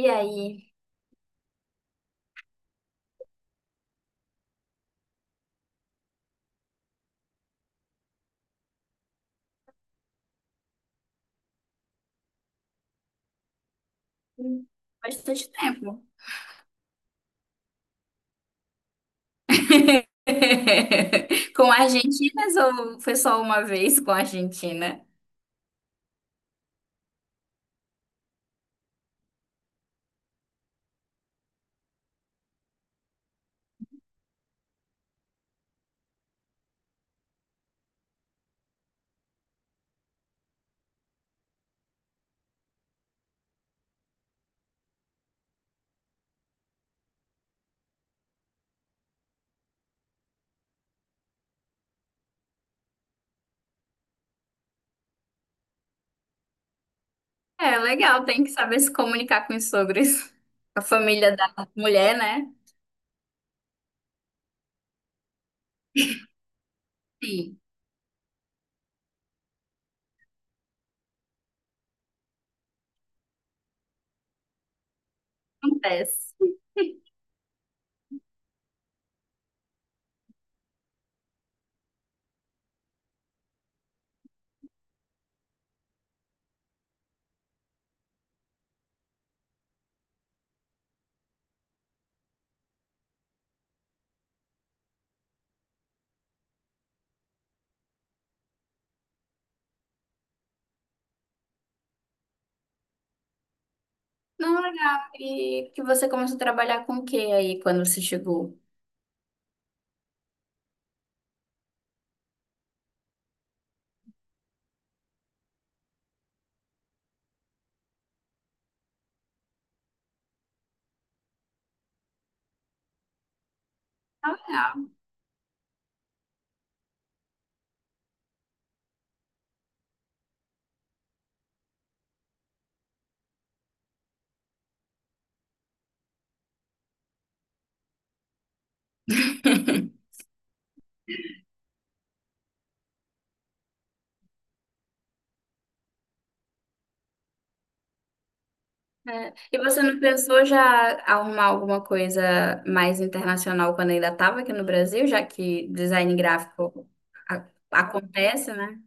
E aí? Hum, Bastante tempo. Com argentinas ou foi só uma vez com a Argentina? É legal, tem que saber se comunicar com os sogros. A família da mulher, né? Sim, acontece. Não, legal. E que você começou a trabalhar com o que aí quando você chegou? Ah, legal. É. E você não pensou já arrumar alguma coisa mais internacional quando ainda estava aqui no Brasil, já que design gráfico acontece, né?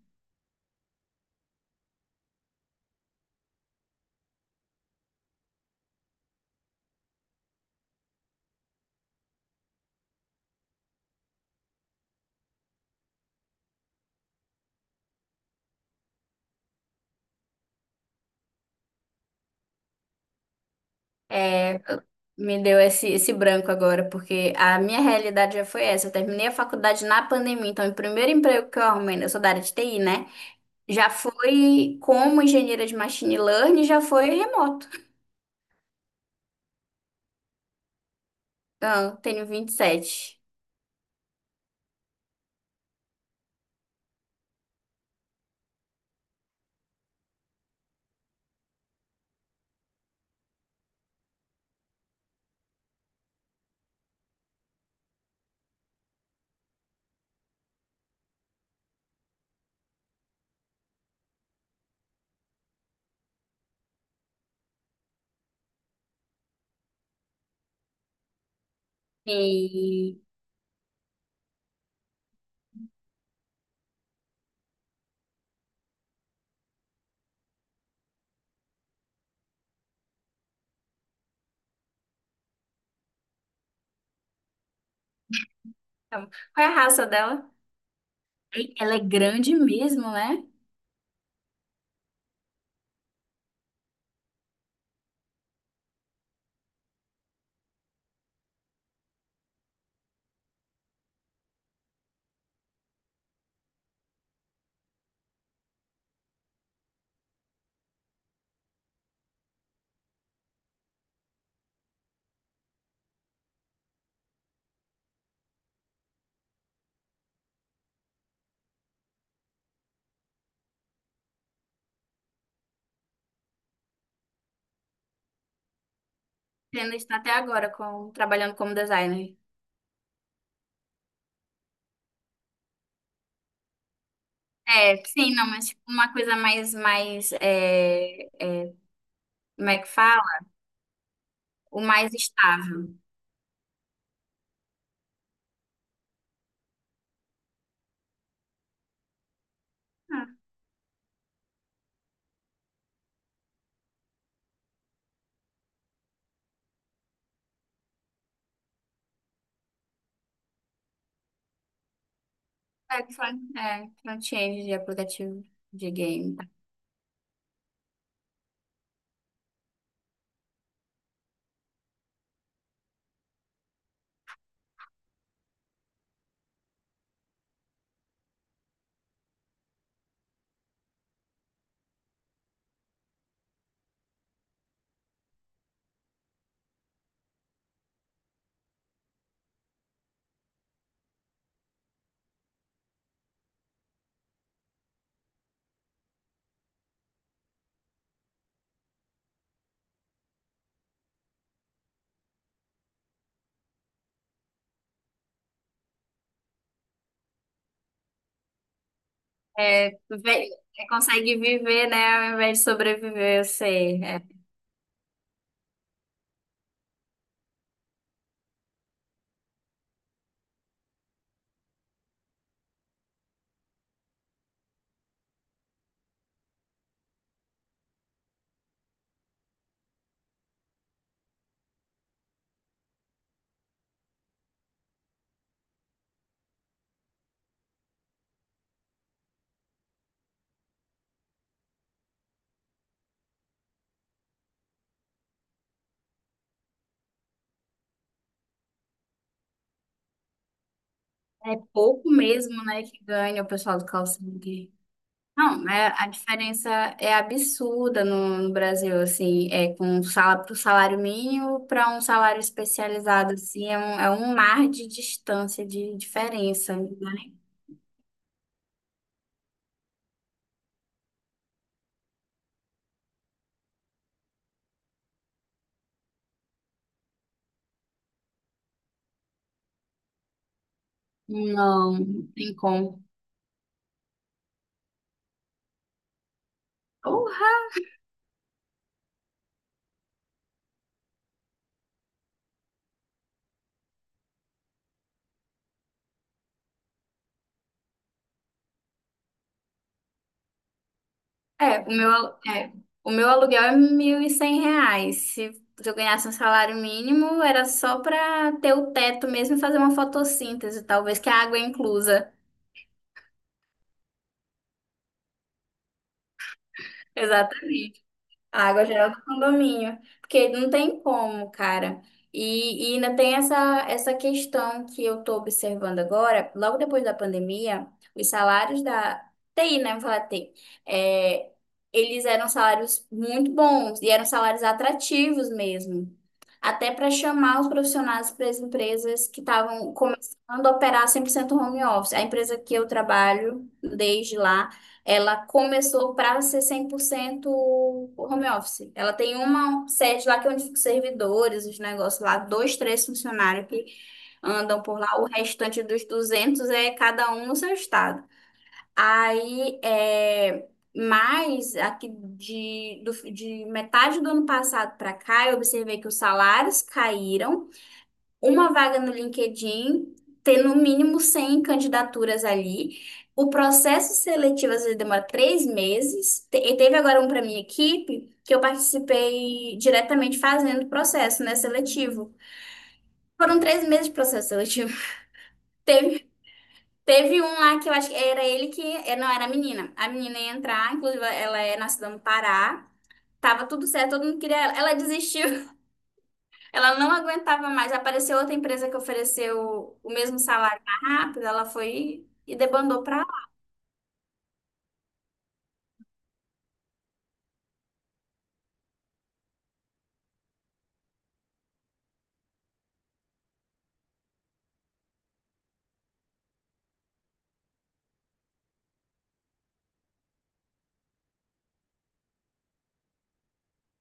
É, Me deu esse branco agora, porque a minha realidade já foi essa. Eu terminei a faculdade na pandemia, então o primeiro emprego que eu arrumei, né? Eu sou da área de TI, né? Já foi como engenheira de machine learning, já foi remoto. Então, tenho 27. E sete. E então, qual é a raça dela? Ei, ela é grande mesmo, né? Você ainda está até agora com, trabalhando como designer. É, sim, não, mas tipo, uma coisa mais, mais, como é que fala? O mais estável. É front, front-end de aplicativo de game. É, ve- É, consegue viver, né, ao invés de sobreviver, eu sei. É é pouco mesmo, né, que ganha o pessoal do call center. Não, é, a diferença é absurda no no Brasil, assim, é com sala para o salário mínimo para um salário especializado, assim, é um mar de distância, de diferença, né? Não, não tem como. Porra! É, o meu, alu- é, o meu aluguel é R$ 1.100. Se eu ganhasse um salário mínimo, era só para ter o teto mesmo e fazer uma fotossíntese, talvez, que a água é inclusa. Exatamente. A água geral do condomínio, porque não tem como, cara. E ainda tem essa questão que eu tô observando agora, logo depois da pandemia, os salários da TI, né? Vou falar TI, é, eles eram salários muito bons e eram salários atrativos mesmo. Até para chamar os profissionais para as empresas que estavam começando a operar 100% home office. A empresa que eu trabalho desde lá. Ela começou para ser 100% home office. Ela tem uma sede lá que é onde ficam os servidores, os negócios lá, dois, três funcionários que andam por lá. O restante dos 200 é cada um no seu estado. Aí, é, mas aqui de, de metade do ano passado para cá, eu observei que os salários caíram, uma vaga no LinkedIn, ter no mínimo 100 candidaturas ali. O processo seletivo às vezes demora três meses. E teve agora um para minha equipe que eu participei diretamente fazendo o processo, né, seletivo. Foram três meses de processo seletivo. Teve teve um lá que eu acho que era ele que. Não, era a menina. A menina ia entrar, inclusive ela é nascida no Pará. Tava tudo certo, todo mundo queria ela. Ela desistiu. Ela não aguentava mais. Apareceu outra empresa que ofereceu o mesmo salário mais rápido, ela foi e debandou para lá.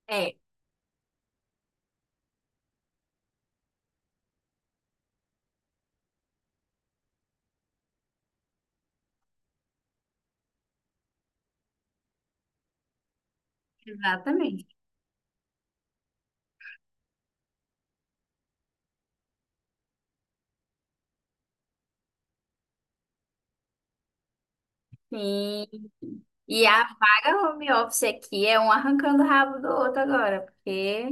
É, exatamente. Sim. E a vaga home office aqui é um arrancando o rabo do outro agora, porque.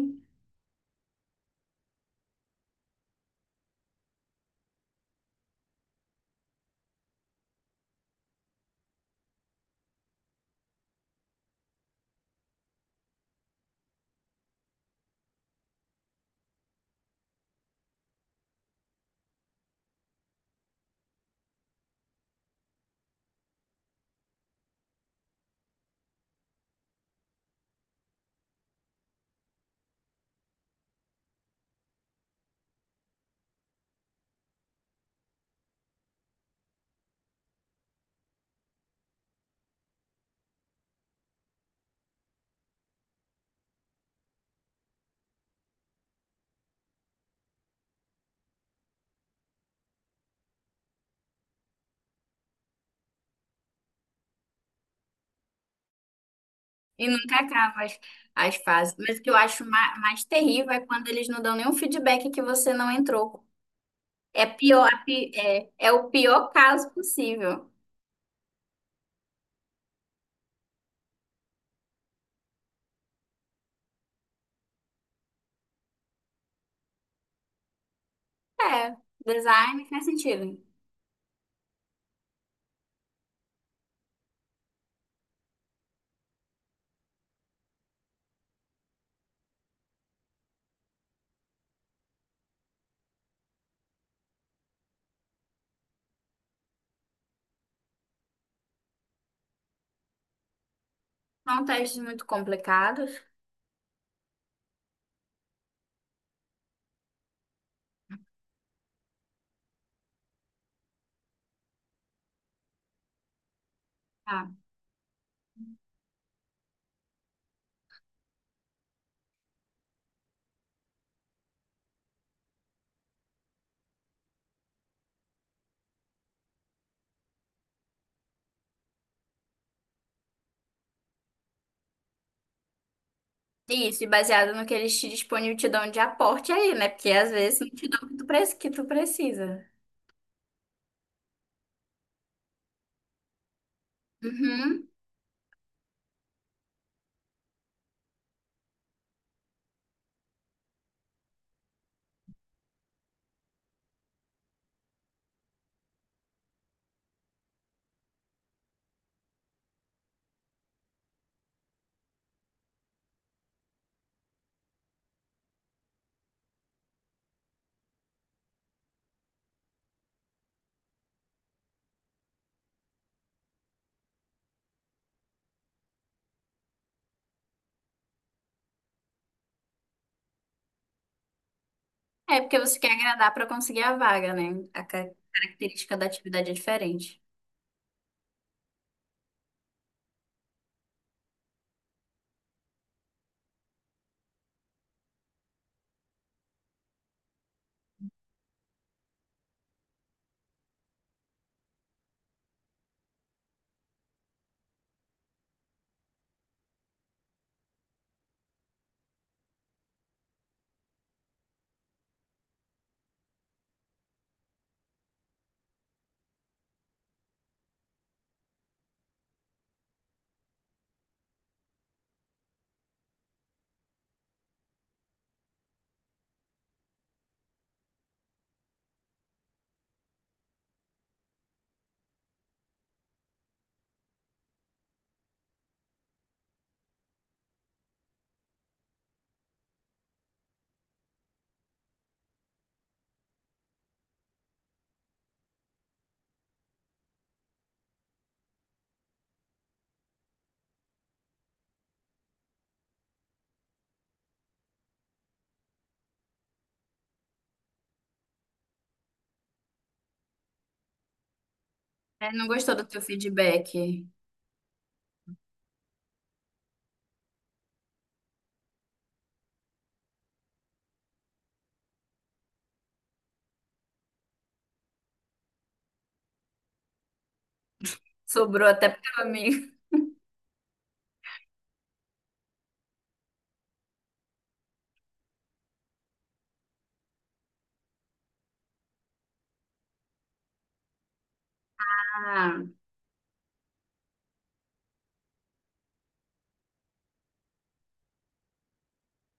E nunca acaba as, as fases. Mas o que eu acho mais mais terrível é quando eles não dão nenhum feedback que você não entrou. É pior, é, é o pior caso possível. É, design faz sentido. São testes muito complicados. Isso, e baseado no que eles te disponível te dão de aporte aí, né? Porque às vezes não te dão o que que tu precisa. Uhum. É porque você quer agradar para conseguir a vaga, né? Característica da atividade é diferente. É, não gostou do teu feedback? Sobrou até para mim. Ah,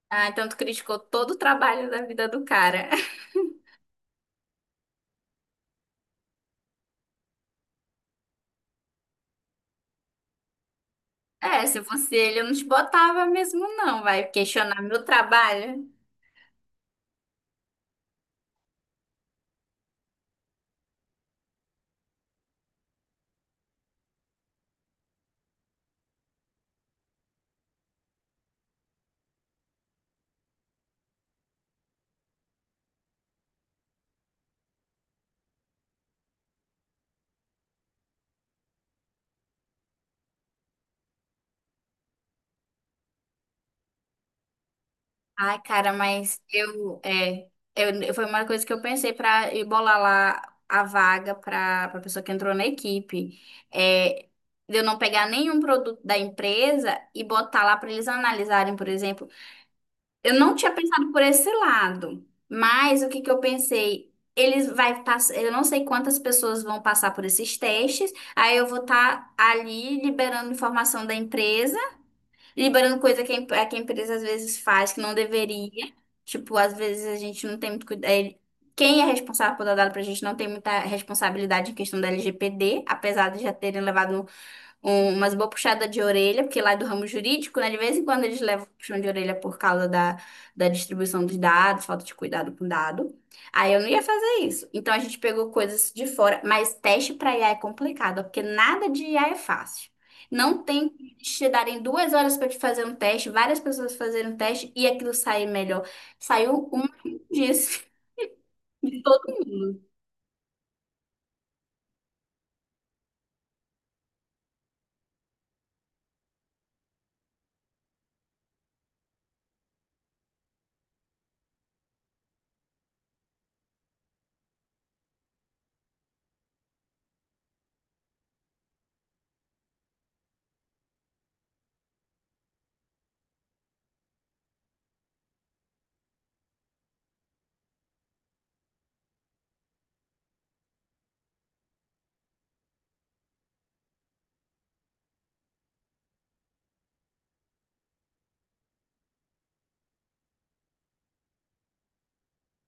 ah, então tu criticou todo o trabalho da vida do cara. É, se fosse ele, eu não te botava mesmo, não. Vai questionar meu trabalho. Ai, cara, mas eu, foi uma coisa que eu pensei pra ir bolar lá a vaga pra a pessoa que entrou na equipe. É, de eu não pegar nenhum produto da empresa e botar lá pra eles analisarem, por exemplo. Eu não tinha pensado por esse lado, mas o que que eu pensei? Eles vai passar, eu não sei quantas pessoas vão passar por esses testes, aí eu vou estar ali liberando informação da empresa. Liberando coisa que é que a empresa às vezes faz que não deveria. Tipo, às vezes a gente não tem muito cuidado. Quem é responsável por dar dado pra gente não tem muita responsabilidade em questão da LGPD, apesar de já terem levado umas boas puxadas de orelha, porque lá é do ramo jurídico, né? De vez em quando eles levam puxão de orelha por causa da da distribuição dos dados, falta de cuidado com dado. Aí eu não ia fazer isso. Então a gente pegou coisas de fora, mas teste para IA é complicado, ó, porque nada de IA é fácil. Não tem que eles te darem 2 horas para te fazer um teste, várias pessoas fazerem um teste e aquilo sair melhor. Saiu um disso.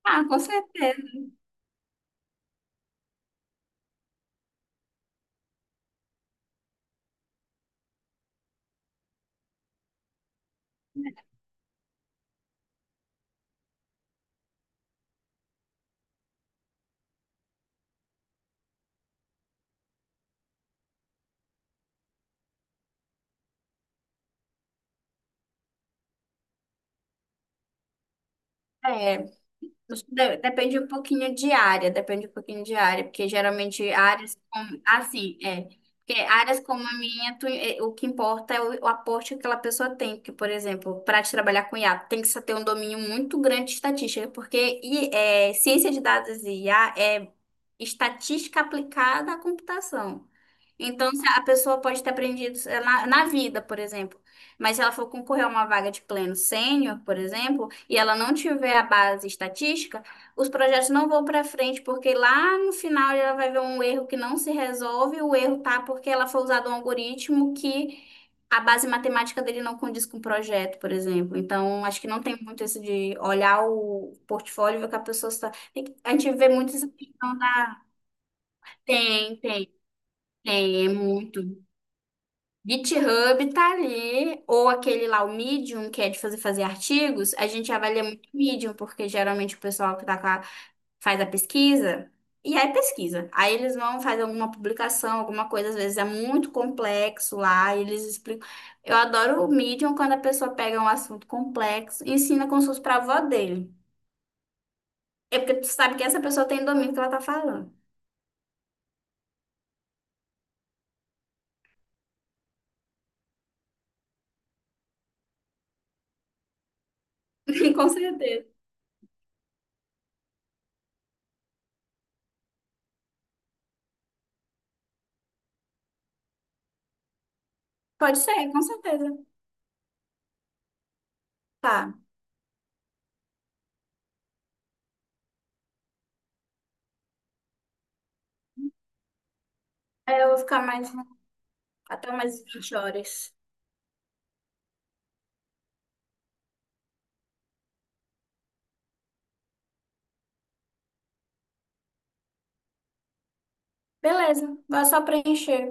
Ah, com certeza. é Isso depende um pouquinho de área, depende um pouquinho de área, porque geralmente áreas como, assim, porque áreas como a minha, o que importa é o aporte que aquela pessoa tem, porque, por exemplo, para te trabalhar com IA, tem que se ter um domínio muito grande de estatística, porque ciência de dados e IA é estatística aplicada à computação. Então, se a pessoa pode ter aprendido sei lá, na vida, por exemplo. Mas se ela for concorrer a uma vaga de pleno sênior, por exemplo, e ela não tiver a base estatística, os projetos não vão para frente, porque lá no final ela vai ver um erro que não se resolve, o erro tá porque ela foi usada um algoritmo que a base matemática dele não condiz com o projeto, por exemplo. Então, acho que não tem muito isso de olhar o portfólio e ver o que a pessoa está. A gente vê muito essa questão da. Tem, tem, Tem, é muito. GitHub tá ali, ou aquele lá, o Medium, que é de fazer, fazer artigos, a gente avalia muito o Medium, porque geralmente o pessoal que tá faz a pesquisa, e aí pesquisa. Aí eles vão fazer alguma publicação, alguma coisa, às vezes é muito complexo lá, e eles explicam. Eu adoro o Medium quando a pessoa pega um assunto complexo e ensina como se fosse pra avó dele. É porque tu sabe que essa pessoa tem domínio do que ela tá falando. Com certeza. Pode ser, com certeza. Tá. É, eu vou ficar mais até mais 20 horas. Beleza, vai só preencher.